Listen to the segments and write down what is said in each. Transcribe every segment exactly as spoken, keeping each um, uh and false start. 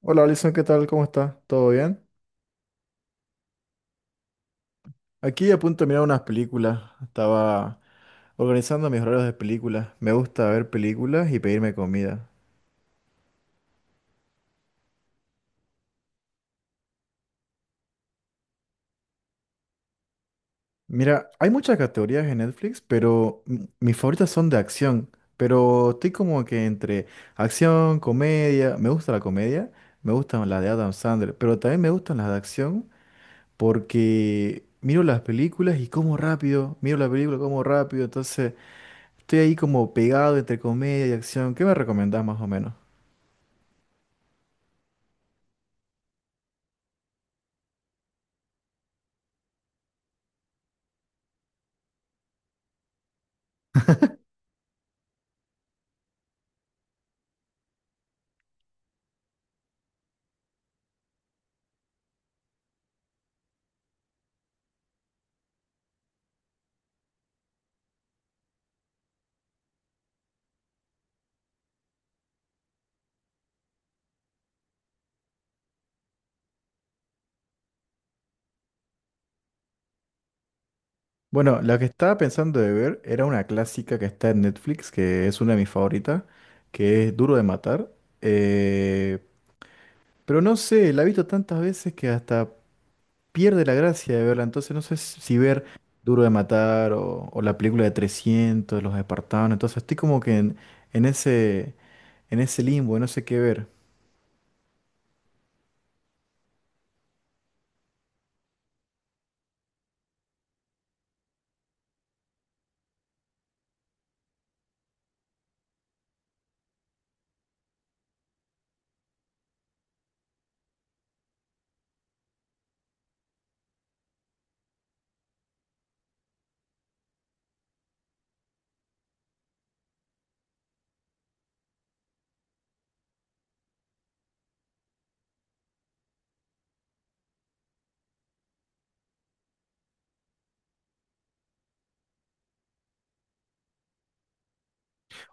Hola Alison, ¿qué tal? ¿Cómo estás? ¿Todo bien? Aquí a punto de mirar unas películas. Estaba organizando mis horarios de películas. Me gusta ver películas y pedirme comida. Mira, hay muchas categorías en Netflix, pero m- mis favoritas son de acción. Pero estoy como que entre acción, comedia. Me gusta la comedia, me gustan las de Adam Sandler, pero también me gustan las de acción porque miro las películas y como rápido, miro la película como rápido, entonces. Estoy ahí como pegado entre comedia y acción. ¿Qué me recomendás más o menos? Bueno, la que estaba pensando de ver era una clásica que está en Netflix, que es una de mis favoritas, que es Duro de Matar. Eh, pero no sé, la he visto tantas veces que hasta pierde la gracia de verla. Entonces no sé si si ver Duro de Matar o, o la película de trescientos, Los Espartanos. Entonces estoy como que en, en ese, en ese limbo, no sé qué ver.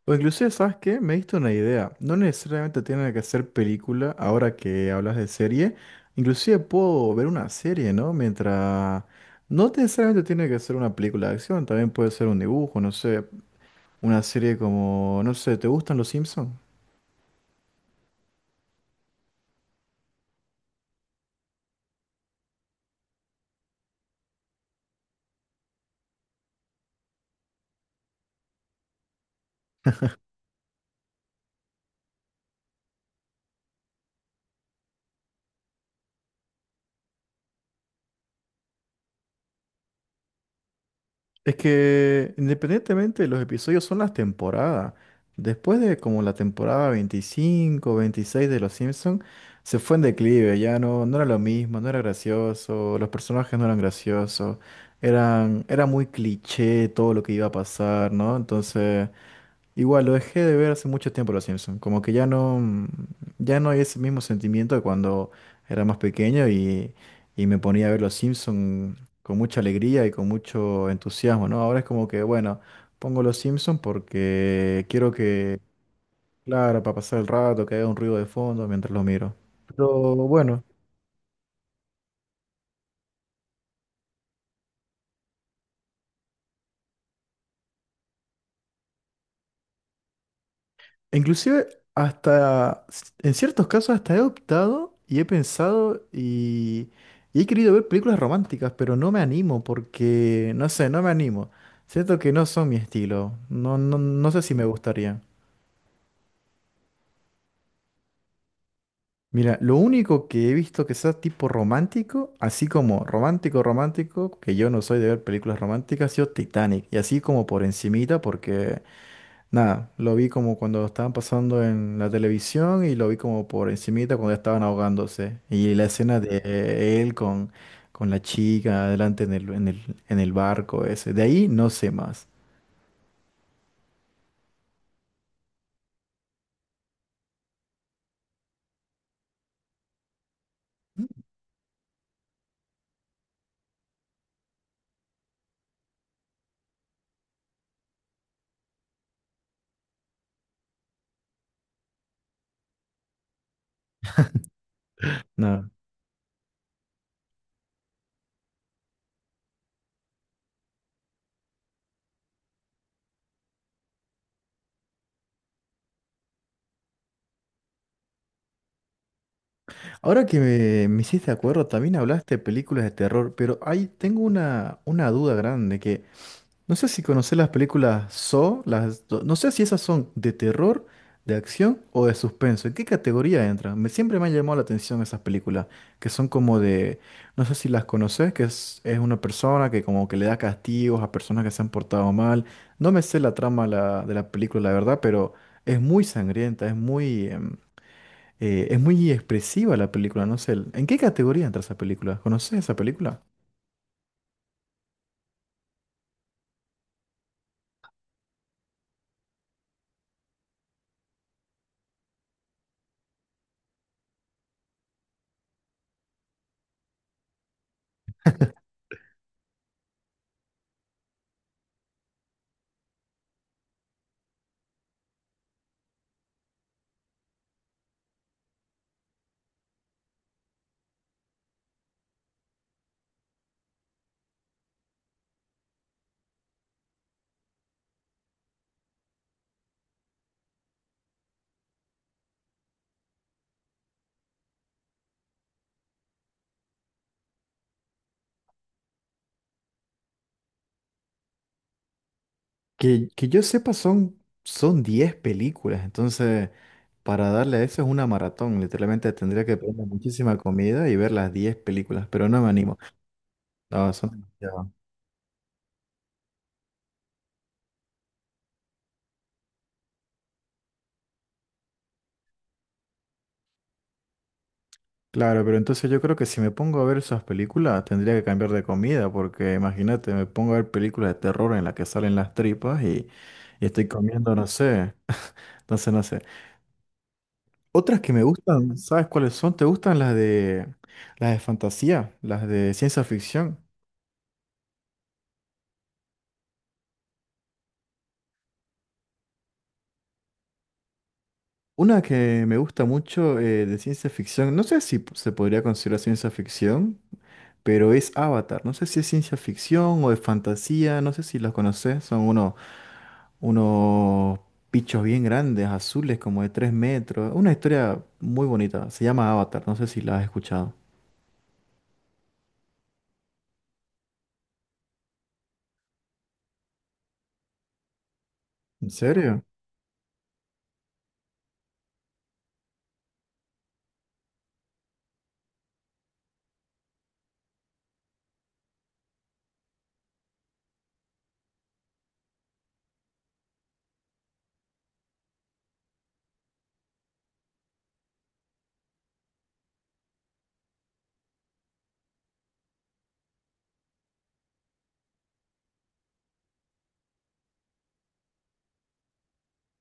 O inclusive, ¿sabes qué? Me diste una idea. No necesariamente tiene que ser película, ahora que hablas de serie. Inclusive puedo ver una serie, ¿no? Mientras, no necesariamente tiene que ser una película de acción, también puede ser un dibujo, no sé. Una serie como, no sé, ¿te gustan los Simpsons? Es que independientemente de los episodios son las temporadas. Después de como la temporada veinticinco, veintiséis de Los Simpsons, se fue en declive, ya no, no era lo mismo, no era gracioso, los personajes no eran graciosos, eran, era muy cliché todo lo que iba a pasar, ¿no? Entonces, igual, lo dejé de ver hace mucho tiempo Los Simpson. Como que ya no, mm, ya no hay ese mismo sentimiento de cuando era más pequeño y, y me ponía a ver Los Simpson con mucha alegría y con mucho entusiasmo, ¿no? Ahora es como que, bueno, pongo Los Simpson porque quiero que, claro, para pasar el rato, que haya un ruido de fondo mientras lo miro. Pero bueno. Inclusive hasta, s- en ciertos casos hasta he optado y he pensado y, y he querido ver películas románticas, pero no me animo porque, no sé, no me animo. Siento que no son mi estilo. No, no, no sé si me gustaría. Mira, lo único que he visto que sea tipo romántico, así como romántico, romántico, que yo no soy de ver películas románticas, ha sido Titanic. Y así como por encimita, porque nada, lo vi como cuando estaban pasando en la televisión y lo vi como por encimita cuando estaban ahogándose. Y la escena de él con, con la chica adelante en el, en el, en el barco ese. De ahí no sé más. Nada. Ahora que me, me hiciste acuerdo, también hablaste de películas de terror, pero ahí tengo una, una duda grande que no sé si conocés las películas Saw, las, do- no sé si esas son de terror, de acción o de suspenso. ¿En qué categoría entran? Me, siempre me han llamado la atención esas películas, que son como de, no sé si las conocés, que es, es una persona que como que le da castigos a personas que se han portado mal. No me sé la trama la- de la película, la verdad, pero es muy sangrienta, es muy, em, eh, es muy expresiva la película, no sé. ¿En qué categoría entra esa película? ¿Conocés esa película? Que, que yo sepa, son, son diez películas, entonces para darle a eso es una maratón, literalmente tendría que pedir muchísima comida y ver las diez películas, pero no me animo. No, son demasiadas. Claro, pero entonces yo creo que si me pongo a ver esas películas tendría que cambiar de comida, porque imagínate, me pongo a ver películas de terror en las que salen las tripas y, y estoy comiendo, no sé, entonces no sé. Otras que me gustan, ¿sabes cuáles son? ¿Te gustan las de, las de fantasía, las de ciencia ficción? Una que me gusta mucho eh, de ciencia ficción, no sé si p- se podría considerar ciencia ficción, pero es Avatar. No sé si es ciencia ficción o de fantasía, no sé si los conoces. Son unos, unos bichos bien grandes, azules, como de tres metros. Una historia muy bonita. Se llama Avatar, no sé si la has escuchado. ¿En serio?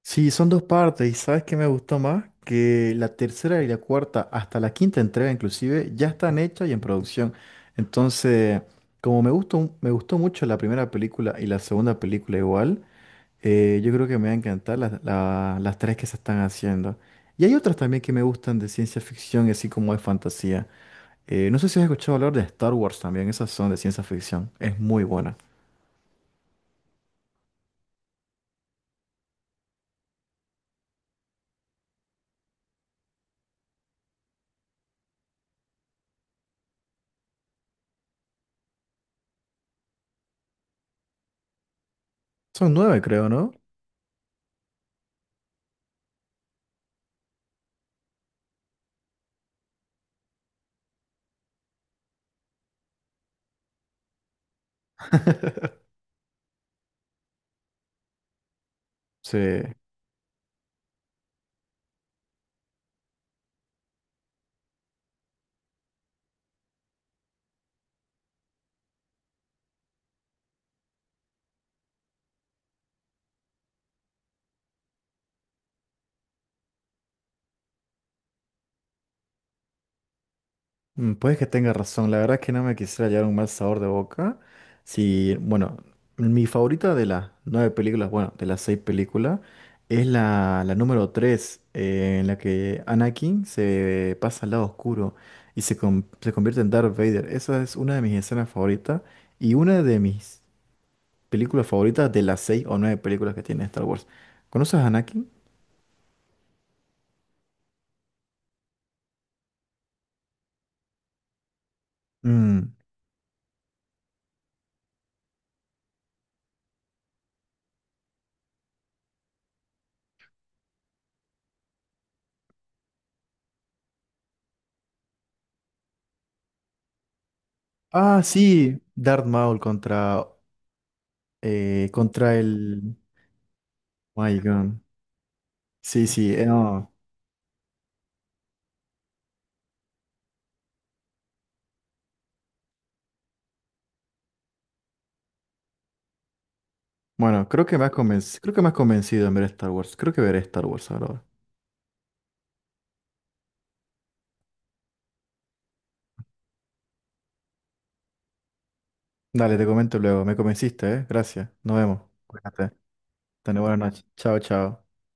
Sí, son dos partes y ¿sabes qué me gustó más? Que la tercera y la cuarta, hasta la quinta entrega inclusive, ya están hechas y en producción. Entonces, como me gustó, un- me gustó mucho la primera película y la segunda película igual, eh, yo creo que me va a encantar las la- las tres que se están haciendo. Y hay otras también que me gustan de ciencia ficción y así como de fantasía. Eh, no sé si has escuchado hablar de Star Wars también, esas son de ciencia ficción. Es muy buena. Son nueve, creo, ¿no? Sí. Mm, puede que tenga razón, la verdad es que no me quisiera llevar un mal sabor de boca. Si, bueno, mi favorita de las nueve películas, bueno, de las seis películas, es la, la número tres, eh, en la que Anakin se pasa al lado oscuro y se, con- se convierte en Darth Vader. Esa es una de mis escenas favoritas y una de mis películas favoritas de las seis o nueve películas que tiene Star Wars. ¿Conoces a Anakin? Mm. Ah, sí, Darth Maul contra, eh, contra el. Oh My God. Sí, sí, eh, no. Bueno, creo que me has convenc- creo que me has convencido en ver Star Wars. Creo que veré Star Wars ahora. Dale, te comento luego. Me convenciste, ¿eh? Gracias. Nos vemos. Cuídate. Ten buenas noches. Chao, chao.